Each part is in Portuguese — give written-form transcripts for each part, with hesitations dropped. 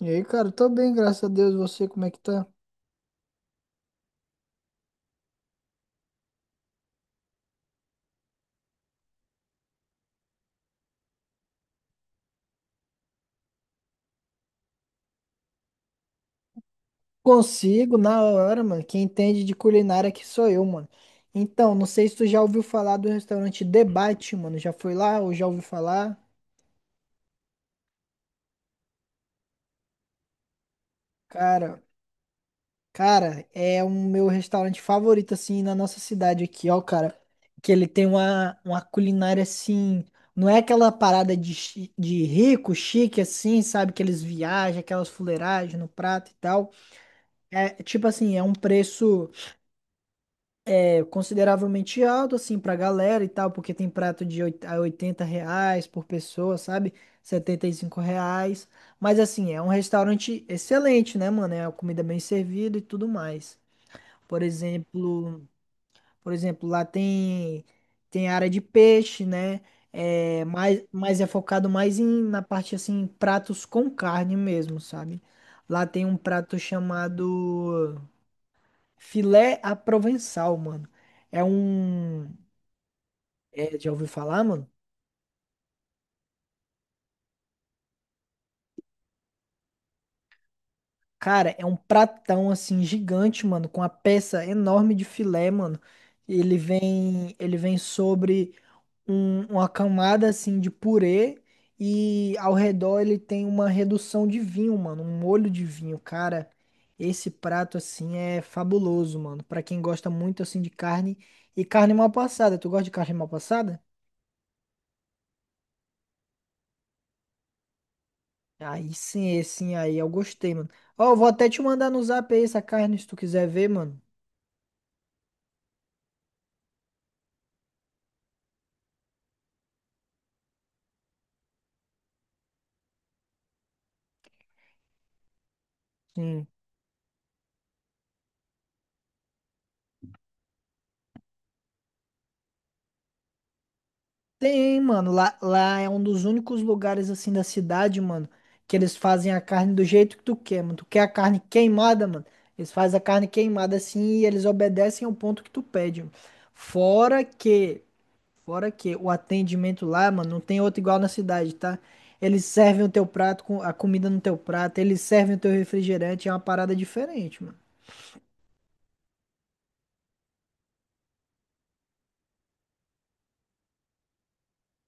E aí, cara, tô bem, graças a Deus. Você, como é que tá? Consigo, na hora, mano. Quem entende de culinária aqui sou eu, mano. Então, não sei se tu já ouviu falar do restaurante Debate, mano. Já foi lá ou já ouviu falar? Cara, cara, é o meu restaurante favorito, assim, na nossa cidade aqui, ó, cara. Que ele tem uma culinária, assim... Não é aquela parada de, de rico, chique, assim, sabe? Que eles viajam, aquelas fuleiragens no prato e tal. É, tipo assim, é um preço... É consideravelmente alto, assim, pra galera e tal, porque tem prato de a 80 reais por pessoa, sabe? 75 reais. Mas, assim, é um restaurante excelente, né, mano? É a comida bem servida e tudo mais. Por exemplo, por exemplo, lá tem, tem área de peixe, né? É, mas é focado mais em, na parte, assim, pratos com carne mesmo, sabe? Lá tem um prato chamado filé à provençal, mano. É um é, já ouviu falar, mano? Cara, é um pratão assim gigante, mano, com uma peça enorme de filé, mano. Ele vem sobre uma camada assim de purê e ao redor ele tem uma redução de vinho, mano, um molho de vinho, cara. Esse prato assim é fabuloso, mano, pra quem gosta muito assim de carne e carne mal passada. Tu gosta de carne mal passada? Aí sim, esse sim, aí eu gostei, mano. Ó, eu vou até te mandar no zap aí essa carne se tu quiser ver, mano. Sim. Tem, mano. Lá é um dos únicos lugares assim da cidade, mano, que eles fazem a carne do jeito que tu quer, mano. Tu quer a carne queimada, mano. Eles fazem a carne queimada assim e eles obedecem ao ponto que tu pede, mano. Fora que, fora que o atendimento lá, mano, não tem outro igual na cidade, tá? Eles servem o teu prato com a comida no teu prato, eles servem o teu refrigerante, é uma parada diferente, mano.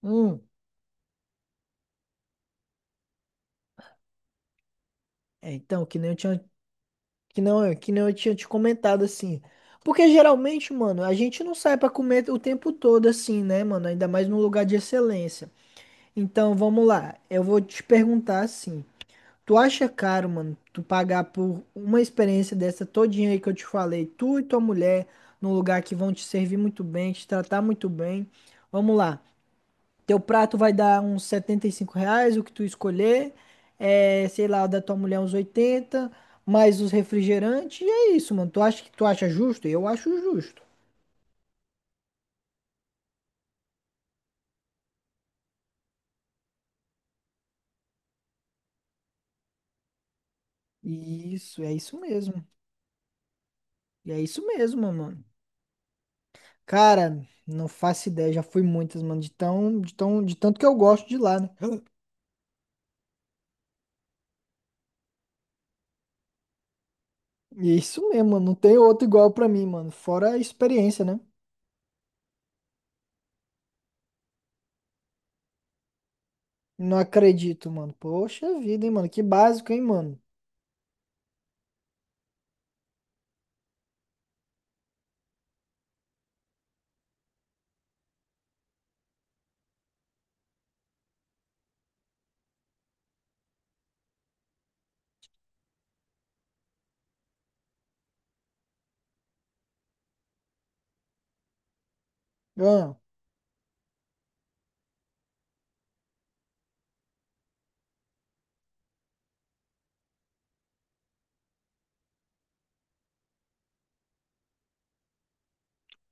Hum. É, então, que nem eu tinha que não eu tinha te comentado assim. Porque geralmente, mano, a gente não sai pra comer o tempo todo assim, né, mano? Ainda mais num lugar de excelência. Então, vamos lá. Eu vou te perguntar assim. Tu acha caro, mano, tu pagar por uma experiência dessa todinha aí que eu te falei, tu e tua mulher, num lugar que vão te servir muito bem, te tratar muito bem? Vamos lá. Teu prato vai dar uns 75 reais, o que tu escolher. É, sei lá, o da tua mulher uns 80 mais os refrigerantes, e é isso, mano. Tu acha justo? Eu acho justo. Isso, é isso mesmo. E é isso mesmo, mano. Cara, não faço ideia, já fui muitas, mano, de tanto que eu gosto de lá, né? E é isso mesmo, mano, não tem outro igual pra mim, mano, fora a experiência, né? Não acredito, mano. Poxa vida, hein, mano, que básico, hein, mano. Ah.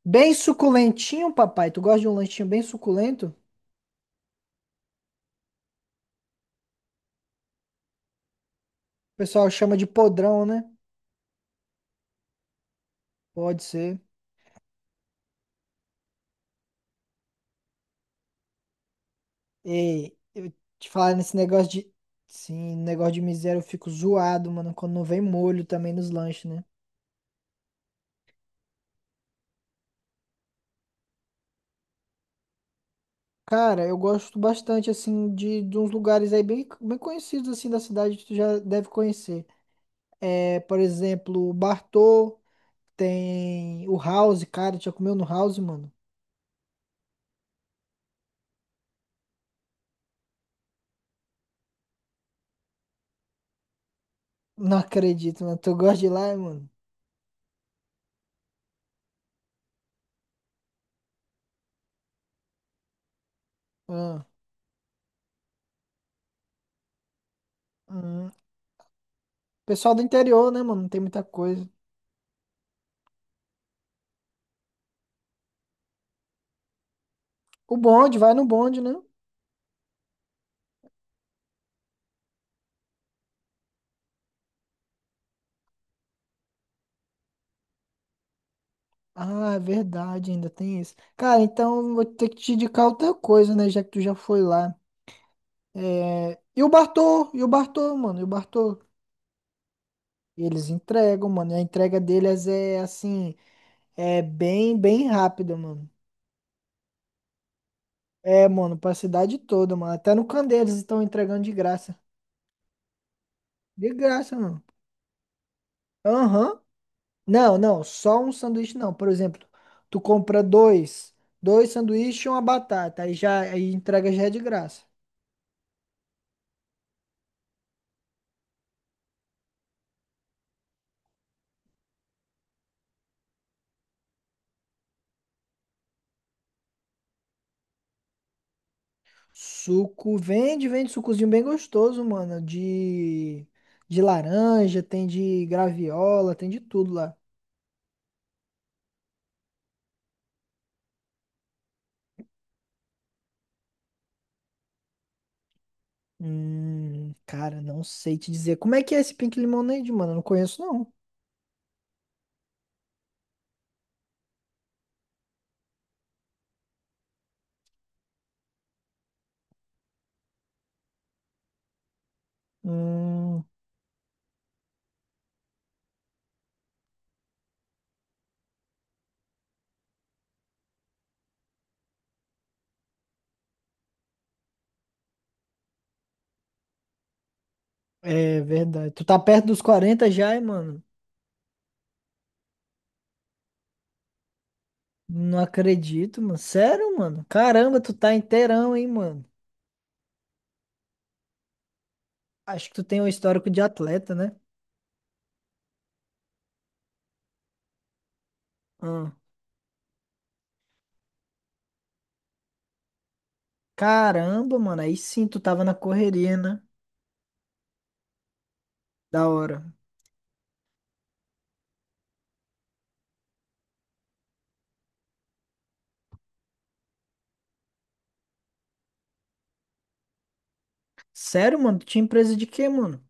Bem suculentinho, papai. Tu gosta de um lanchinho bem suculento? O pessoal chama de podrão, né? Pode ser. Ei, eu te falar nesse negócio de. Sim, negócio de miséria, eu fico zoado, mano, quando não vem molho também nos lanches, né? Cara, eu gosto bastante, assim, de uns lugares aí bem, bem conhecidos, assim, da cidade que tu já deve conhecer. É, por exemplo, o Bartô, tem o House, cara, tu já comeu no House, mano? Não acredito, mano. Tu gosta de ir lá, mano? Ah, hum. Pessoal do interior, né, mano? Não tem muita coisa. O bonde, vai no bonde, né? Ah, é verdade, ainda tem isso. Cara, então eu vou ter que te indicar outra coisa, né? Já que tu já foi lá. É... E o Bartô, mano, e o Bartô. Eles entregam, mano. E a entrega deles é assim, é bem, bem rápida, mano. É, mano, pra cidade toda, mano. Até no Candeias eles estão entregando de graça. De graça, mano. Aham. Não, não, só um sanduíche não. Por exemplo, tu compra dois, dois sanduíches e uma batata, aí já aí entrega já é de graça. Suco, vende, vende sucozinho bem gostoso, mano, de laranja, tem de graviola, tem de tudo lá. Cara, não sei te dizer. Como é que é esse Pink Lemonade, mano? Eu não conheço não. Hum, é verdade. Tu tá perto dos 40 já, hein, mano? Não acredito, mano. Sério, mano? Caramba, tu tá inteirão, hein, mano? Acho que tu tem um histórico de atleta, né? Ah. Caramba, mano, aí sim tu tava na correria, né? Da hora. Sério, mano, tu tinha empresa de quê, mano?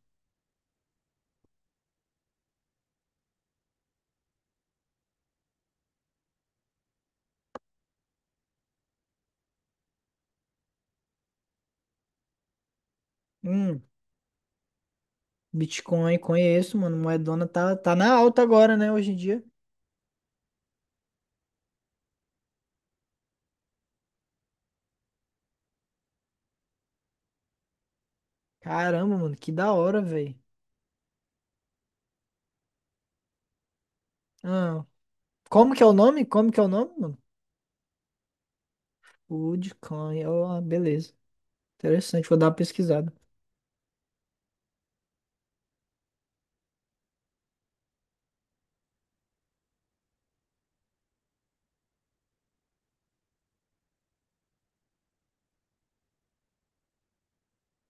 Hum, Bitcoin, conheço, mano. Moedona tá na alta agora, né, hoje em dia. Caramba, mano, que da hora, velho. Ah, Como que é o nome, mano? Bitcoin, ó, beleza. Interessante, vou dar uma pesquisada.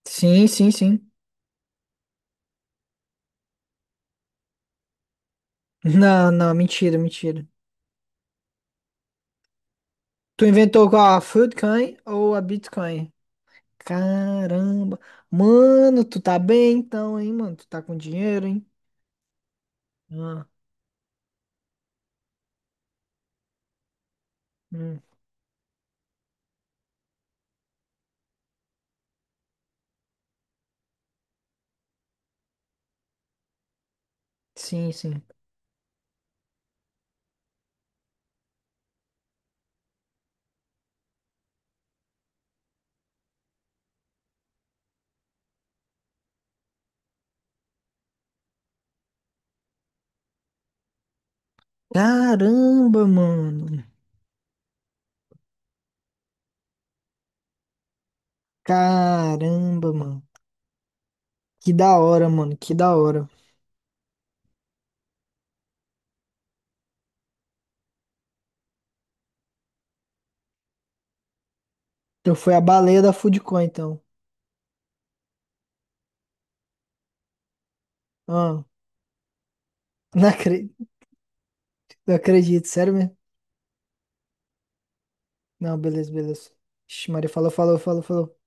Sim, sim, sim. Não, não, mentira, mentira. Tu inventou qual? A Foodcoin ou a Bitcoin? Caramba. Mano, tu tá bem então, hein, mano? Tu tá com dinheiro, hein? Ah, hum. Sim, sim. Caramba, mano. Caramba, mano. Que da hora, mano. Que da hora. Então foi a baleia da Foodcoin, então. Ah, não acredito, não acredito. Sério mesmo? Não, beleza, beleza. Ixi, Maria falou, falou, falou, falou.